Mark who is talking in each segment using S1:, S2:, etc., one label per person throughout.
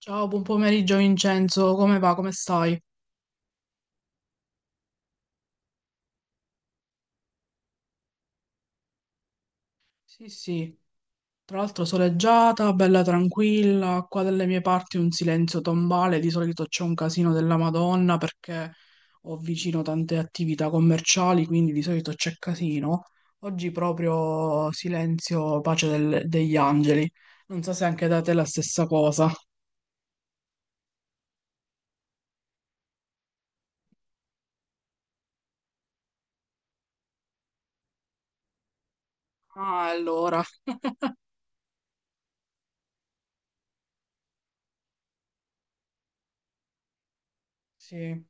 S1: Ciao, buon pomeriggio Vincenzo, come va? Come stai? Sì, sì, tra l'altro soleggiata, bella tranquilla, qua dalle mie parti un silenzio tombale, di solito c'è un casino della Madonna perché ho vicino tante attività commerciali, quindi di solito c'è casino. Oggi proprio silenzio, pace degli angeli. Non so se anche da te è la stessa cosa. Ah, allora, sì,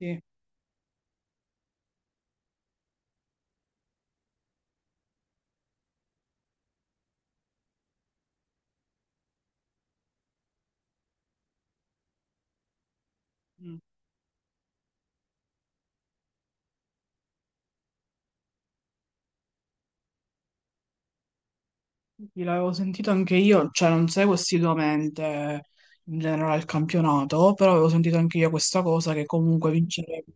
S1: sì. Mm. Sì, l'avevo sentito anche io, cioè non seguo assiduamente in generale il campionato, però avevo sentito anche io questa cosa che comunque vincerebbe.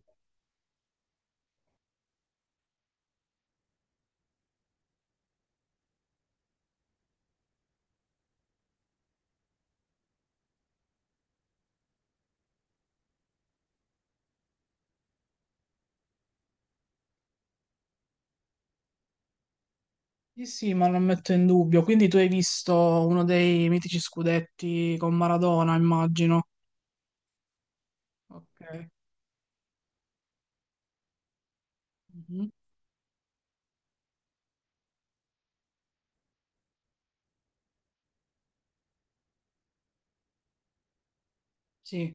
S1: Sì, sì, ma non metto in dubbio. Quindi tu hai visto uno dei mitici scudetti con Maradona, immagino. Ok. Mhm. Sì.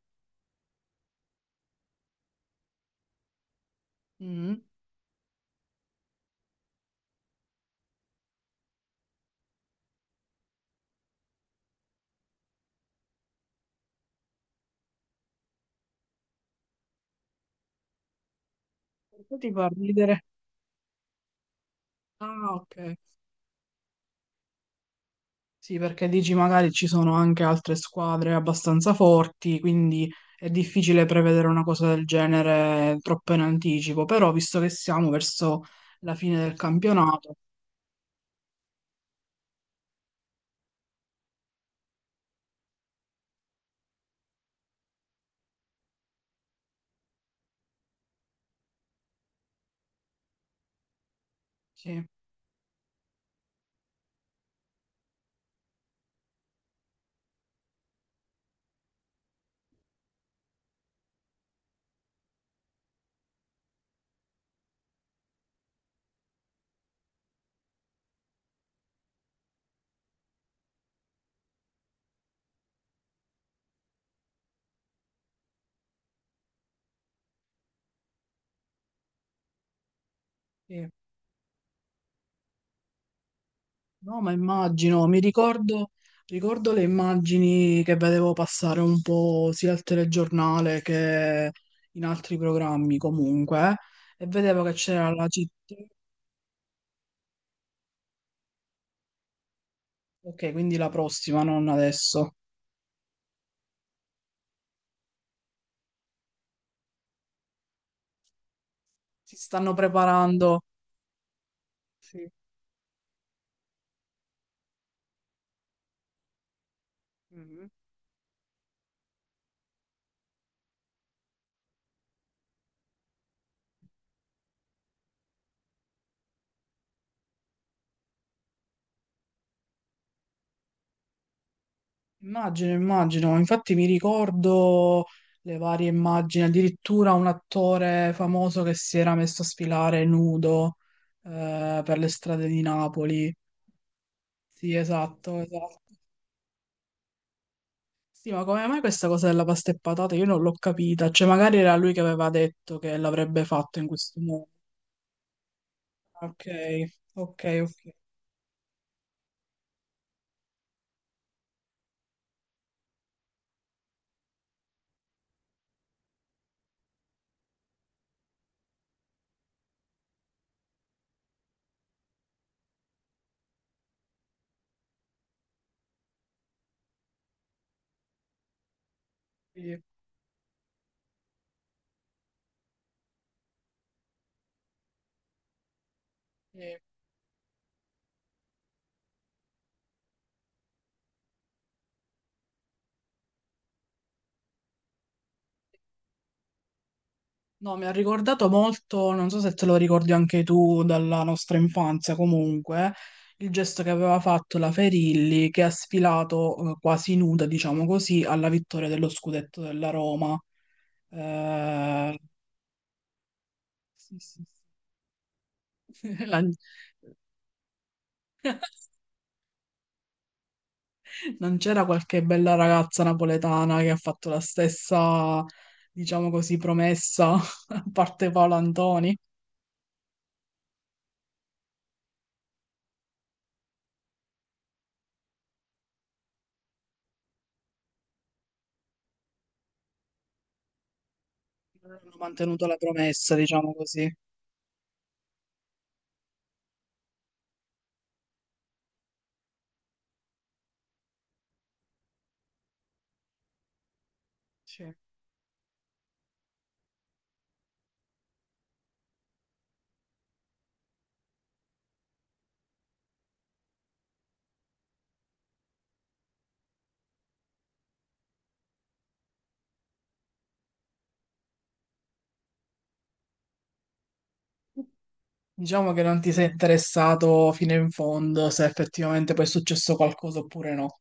S1: Mhm. Perché ti fa ridere? Ah, ok. Sì, perché dici magari ci sono anche altre squadre abbastanza forti, quindi è difficile prevedere una cosa del genere troppo in anticipo, però visto che siamo verso la fine del campionato, sì, sì. No, ma immagino, mi ricordo, ricordo le immagini che vedevo passare un po' sia al telegiornale che in altri programmi comunque, e vedevo che c'era la CT, ok, quindi la prossima, non adesso. Si stanno preparando. Sì. Mhm. Immagino, immagino, infatti mi ricordo le varie immagini, addirittura un attore famoso che si era messo a sfilare nudo per le strade di Napoli. Sì, esatto, esatto. Sì, ma come mai questa cosa della pasta e patate? Io non l'ho capita, cioè magari era lui che aveva detto che l'avrebbe fatto in questo modo. Ok, ok, ok. Sì, sì. No, mi ha ricordato molto, non so se te lo ricordi anche tu dalla nostra infanzia comunque, il gesto che aveva fatto la Ferilli che ha sfilato quasi nuda, diciamo così, alla vittoria dello scudetto della Roma. Eh, sì, sì, sì. Non c'era qualche bella ragazza napoletana che ha fatto la stessa, diciamo così, promessa, a parte Paolo Antoni? Non hanno mantenuto la promessa, diciamo così. Diciamo che non ti sei interessato fino in fondo se effettivamente poi è successo qualcosa oppure no.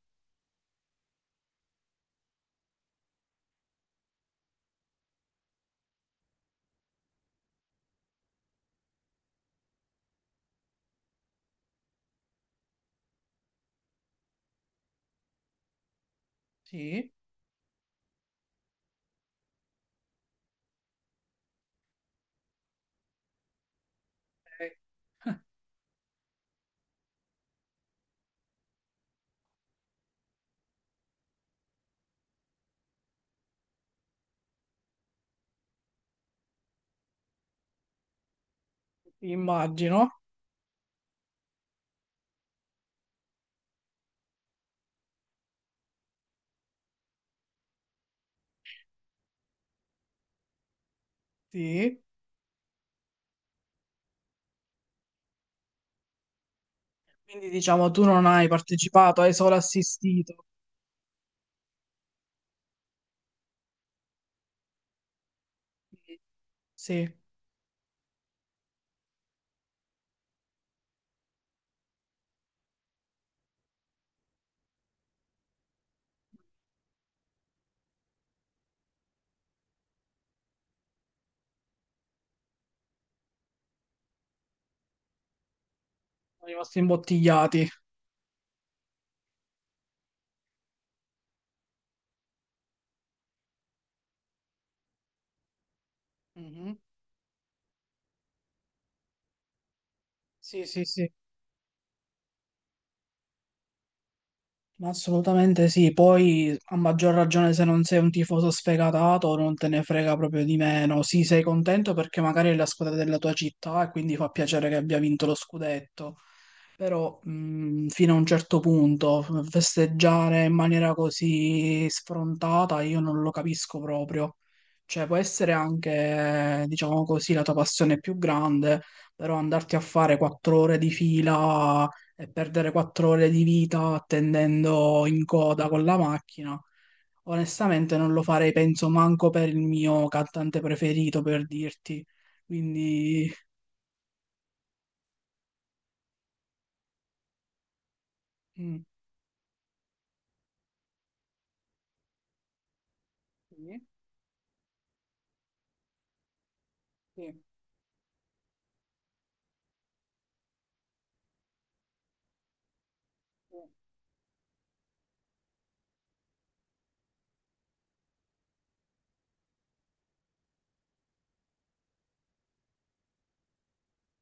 S1: Sì, eh, immagino, sì. Quindi diciamo tu non hai partecipato, hai solo assistito. Quindi, sì, sono rimasti imbottigliati. Mhm. Sì, sì, sì. Ma assolutamente sì, poi a maggior ragione se non sei un tifoso sfegatato non te ne frega proprio di meno. Sì, sei contento perché magari è la squadra della tua città e quindi fa piacere che abbia vinto lo scudetto, però fino a un certo punto festeggiare in maniera così sfrontata io non lo capisco proprio. Cioè può essere anche, diciamo così, la tua passione più grande, però andarti a fare 4 ore di fila e perdere 4 ore di vita attendendo in coda con la macchina, onestamente non lo farei, penso, manco per il mio cantante preferito, per dirti. Quindi... mm. Sì, sì, sì,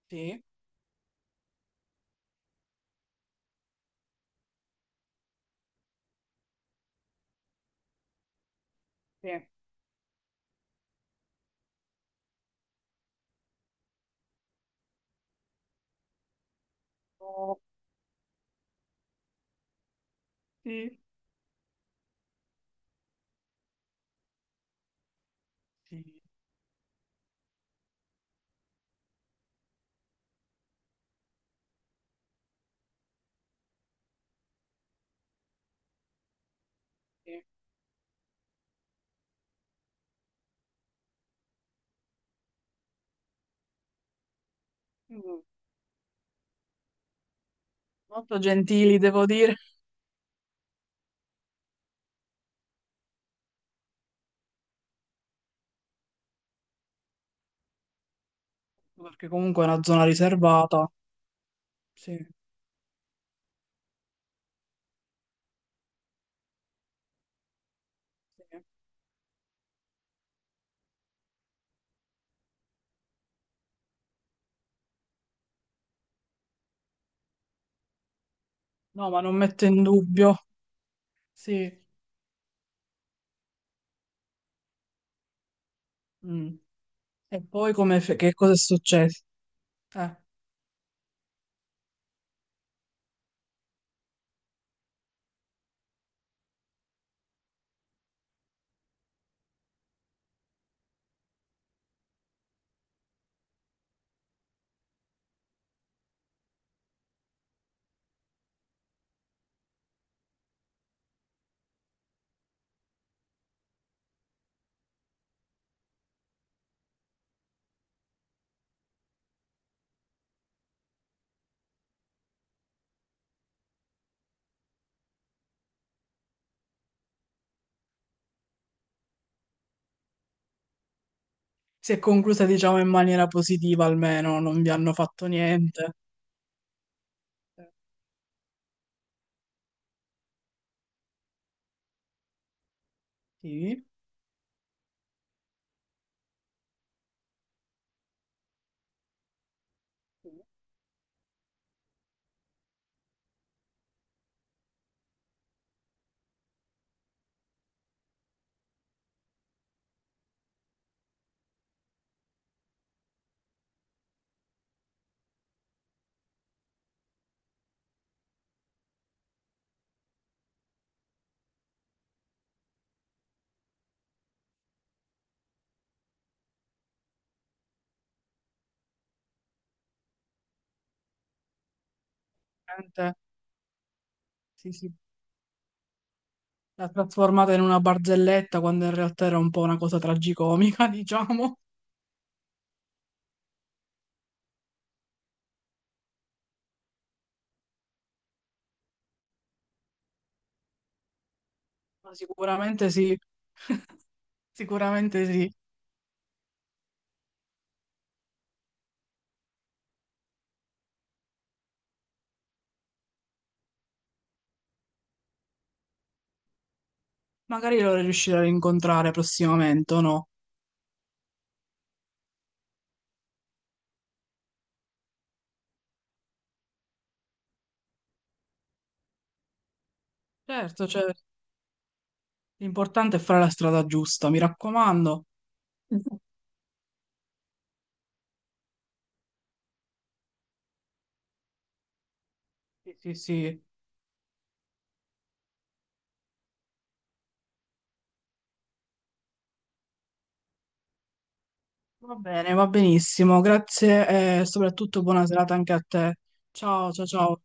S1: sì, sì, oh, sì, sì, sì. Mm. Molto gentili, devo dire, perché comunque è una zona riservata. Sì, sì. No, ma non metto in dubbio. Sì. Mm. E poi come che cosa è successo? Eh. Si è conclusa, diciamo, in maniera positiva almeno, non vi hanno fatto niente. Sì, niente. Sì, sì. L'ha trasformata in una barzelletta quando in realtà era un po' una cosa tragicomica, diciamo. Ma sicuramente sì, sicuramente sì. Magari lo riuscirò a rincontrare prossimamente, o no? Certo, certo. L'importante è fare la strada giusta, mi raccomando. Sì, sì, sì. Va bene, va benissimo. Grazie e soprattutto buona serata anche a te. Ciao, ciao, ciao.